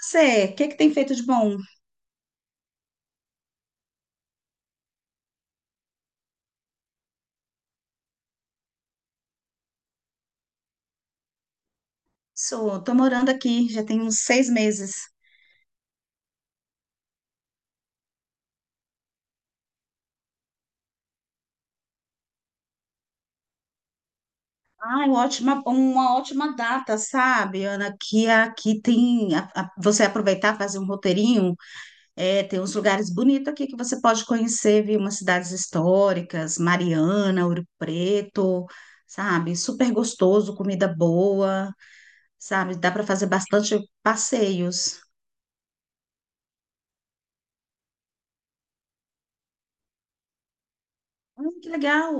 Você, o que tem feito de bom? Sou, tô morando aqui, já tem uns 6 meses. Ai, ótima, uma ótima data, sabe, Ana? Que aqui tem, você aproveitar, fazer um roteirinho, tem uns lugares bonitos aqui que você pode conhecer, viu? Umas cidades históricas, Mariana, Ouro Preto, sabe? Super gostoso, comida boa, sabe? Dá para fazer bastante passeios. Ai, que legal!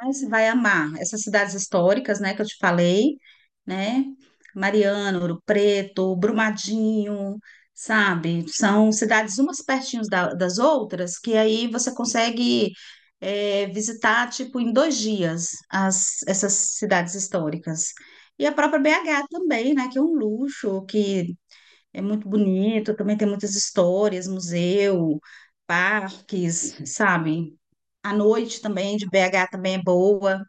Mas vai amar essas cidades históricas, né, que eu te falei, né? Mariana, Ouro Preto, Brumadinho, sabe? São cidades umas pertinhas das outras que aí você consegue visitar, tipo, em 2 dias essas cidades históricas. E a própria BH também, né? Que é um luxo, que é muito bonito, também tem muitas histórias, museu, parques, sabe? A noite também de BH também é boa.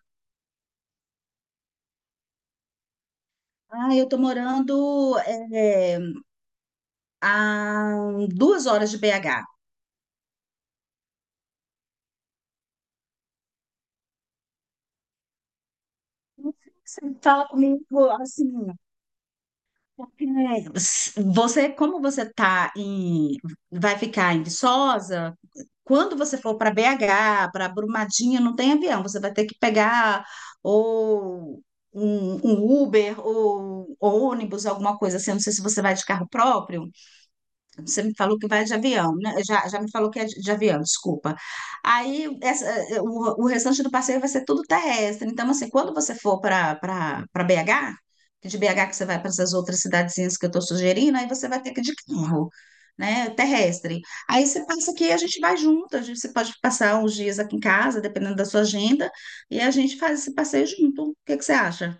Ah, eu tô morando é, a 2 horas de BH. Você fala comigo assim, porque como você vai ficar em Viçosa, quando você for para BH, para Brumadinho, não tem avião, você vai ter que pegar ou um Uber ou ônibus, alguma coisa assim. Eu não sei se você vai de carro próprio. Você me falou que vai de avião, né? Já me falou que é de avião, desculpa. O restante do passeio vai ser tudo terrestre. Então, assim, quando você for para BH, que de BH que você vai para essas outras cidadezinhas que eu estou sugerindo, aí você vai ter que ir de carro, né? Terrestre. Aí você passa aqui e a gente vai junto. A gente, você pode passar uns dias aqui em casa, dependendo da sua agenda, e a gente faz esse passeio junto. O que você acha?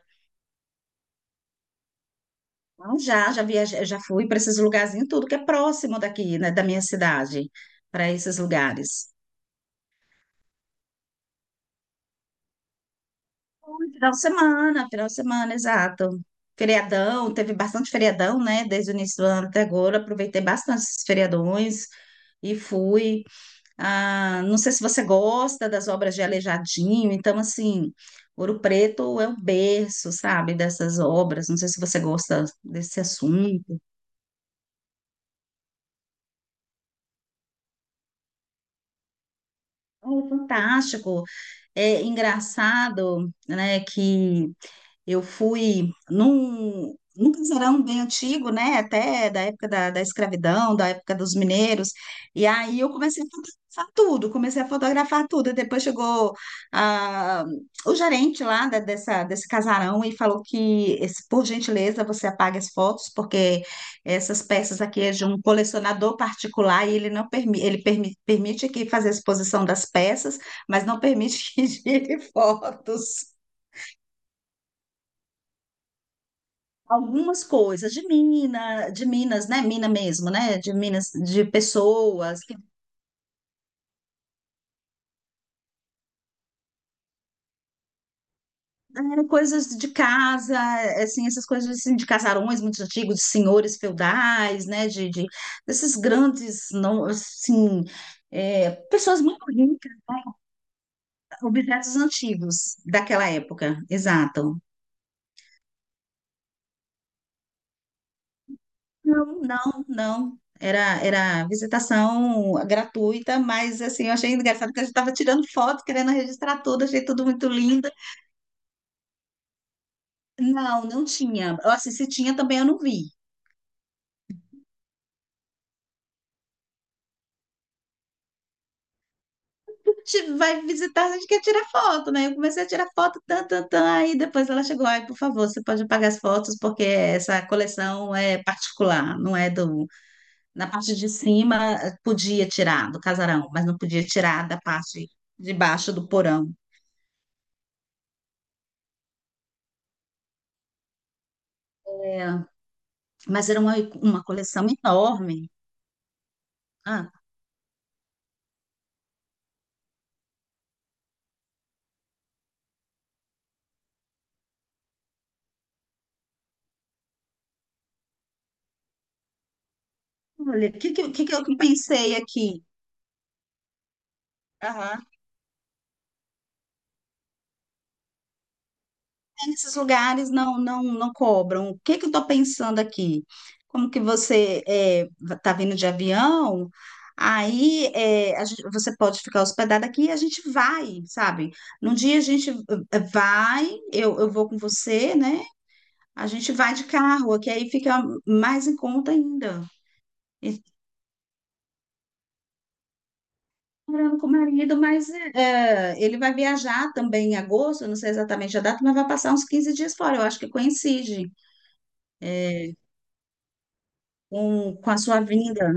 Não, já viajei, já fui para esses lugarzinhos, tudo que é próximo daqui, né, da minha cidade, para esses lugares. Fui final de semana, exato. Feriadão, teve bastante feriadão, né, desde o início do ano até agora, aproveitei bastante esses feriadões e fui. Ah, não sei se você gosta das obras de Aleijadinho, então, assim, Ouro Preto é o berço, sabe, dessas obras, não sei se você gosta desse assunto. É fantástico. É engraçado, né, que eu fui num casarão bem antigo, né? Até da época da escravidão, da época dos mineiros. E aí eu comecei a fotografar tudo, comecei a fotografar tudo. E depois chegou ah, o gerente lá dessa, desse casarão e falou que, esse- por gentileza, você apague as fotos, porque essas peças aqui é de um colecionador particular e ele não permi ele permi permite que fazer a exposição das peças, mas não permite que gire fotos. Algumas coisas de mina, de Minas, né? Mina mesmo, né? De Minas, de pessoas, que, coisas de casa, essas coisas assim, de casarões muito antigos, de senhores feudais, né? De desses grandes, não, assim, pessoas muito ricas, objetos antigos daquela época, exato. Não. Era visitação gratuita, mas assim, eu achei engraçado que a gente estava tirando foto, querendo registrar tudo, achei tudo muito lindo. Não, não tinha. Ou assim, se tinha também eu não vi. Vai visitar, a gente quer tirar foto, né? Eu comecei a tirar foto, tan, tan, tan, aí depois ela chegou, aí, por favor, você pode apagar as fotos, porque essa coleção é particular, não é do... Na parte de cima, podia tirar do casarão, mas não podia tirar da parte de baixo do porão. É, mas era uma coleção enorme. Ah, olha, o que eu pensei aqui? Aham. Nesses lugares não cobram. O que eu estou pensando aqui? Como que você está vindo de avião? Aí é, a gente- você pode ficar hospedado aqui e a gente vai, sabe? Num dia a gente eh, vai, eu vou com você, né? A gente vai de carro, que aí fica mais em conta ainda. Estou morando com o marido, mas ele vai viajar também em agosto, eu não sei exatamente a data, mas vai passar uns 15 dias fora. Eu acho que coincide com a sua vinda.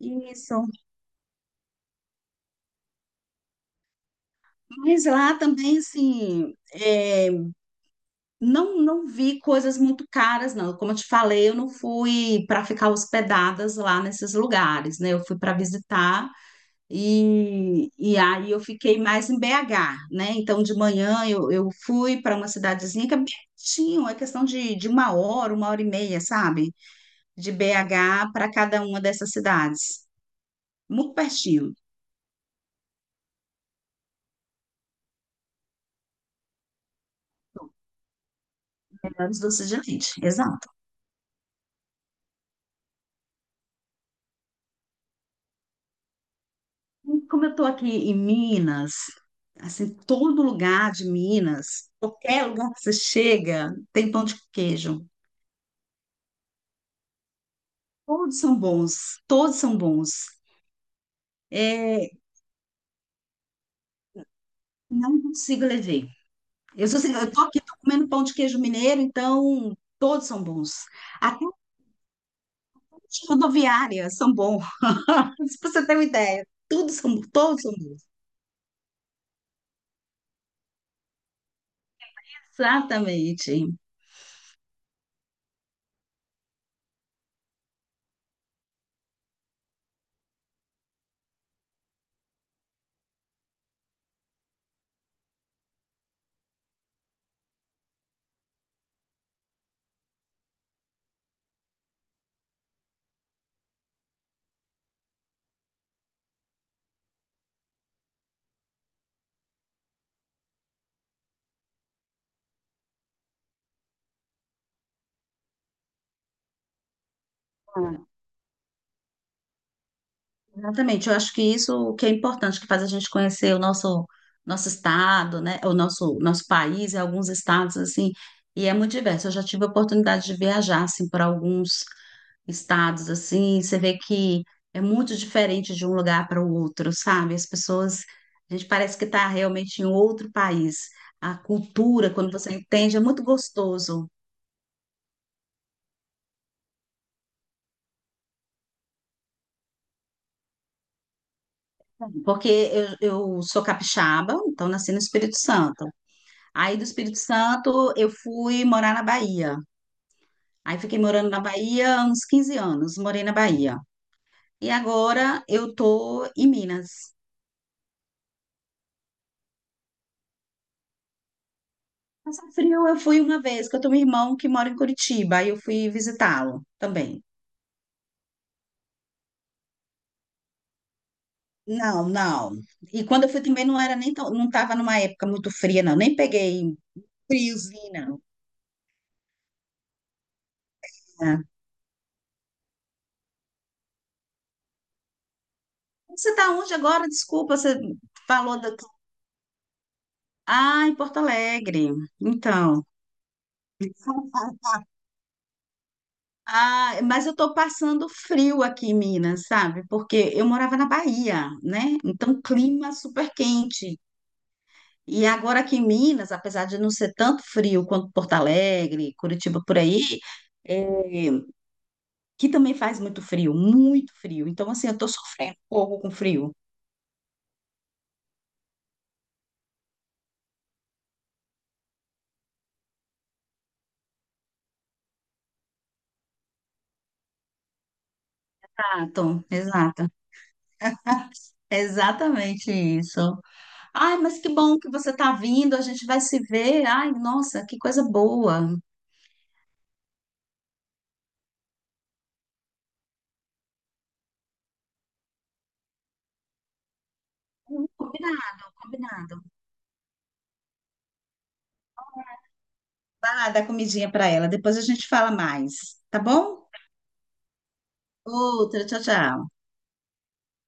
Isso. Mas lá também, assim, não, não vi coisas muito caras, não. Como eu te falei, eu não fui para ficar hospedadas lá nesses lugares, né? Eu fui para visitar e aí eu fiquei mais em BH, né? Então, de manhã eu fui para uma cidadezinha que é pertinho, é questão de 1 hora, 1 hora e meia, sabe? De BH para cada uma dessas cidades. Muito pertinho, antes do Doce de Leite, exato. Como eu estou aqui em Minas, assim, todo lugar de Minas, qualquer lugar que você chega, tem pão de queijo. Todos são bons, todos são bons. É, não consigo levar. Eu sou assim, eu tô aqui, tô comendo pão de queijo mineiro, então todos são bons. Até as rodoviárias são bons. Se você tem uma ideia, todos são bons. Exatamente. Exatamente, eu acho que isso o que é importante, que faz a gente conhecer o nosso estado, né, o nosso país e alguns estados assim, e é muito diverso. Eu já tive a oportunidade de viajar assim para alguns estados assim, você vê que é muito diferente de um lugar para o outro, sabe? As pessoas, a gente parece que está realmente em um outro país. A cultura, quando você entende, é muito gostoso, porque eu sou capixaba, então nasci no Espírito Santo. Aí do Espírito Santo eu fui morar na Bahia. Aí fiquei morando na Bahia há uns 15 anos, morei na Bahia. E agora eu tô em Minas. Passar frio eu fui uma vez, que eu tenho um irmão que mora em Curitiba, aí eu fui visitá-lo também. Não, não. E quando eu fui também não era nem tão, não estava numa época muito fria, não. Nem peguei friozinho, não. É. Você está onde agora? Desculpa, você falou da... Ah, em Porto Alegre. Então. Ah, mas eu estou passando frio aqui em Minas, sabe? Porque eu morava na Bahia, né? Então, clima super quente. E agora aqui em Minas, apesar de não ser tanto frio quanto Porto Alegre, Curitiba por aí, é, que também faz muito frio, muito frio. Então, assim, eu estou sofrendo um pouco com frio. Exato, exato. Exatamente isso. Ai, mas que bom que você está vindo, a gente vai se ver. Ai, nossa, que coisa boa. Combinado, combinado. Dar comidinha para ela. Depois a gente fala mais, tá bom? Outra, tchau, tchau.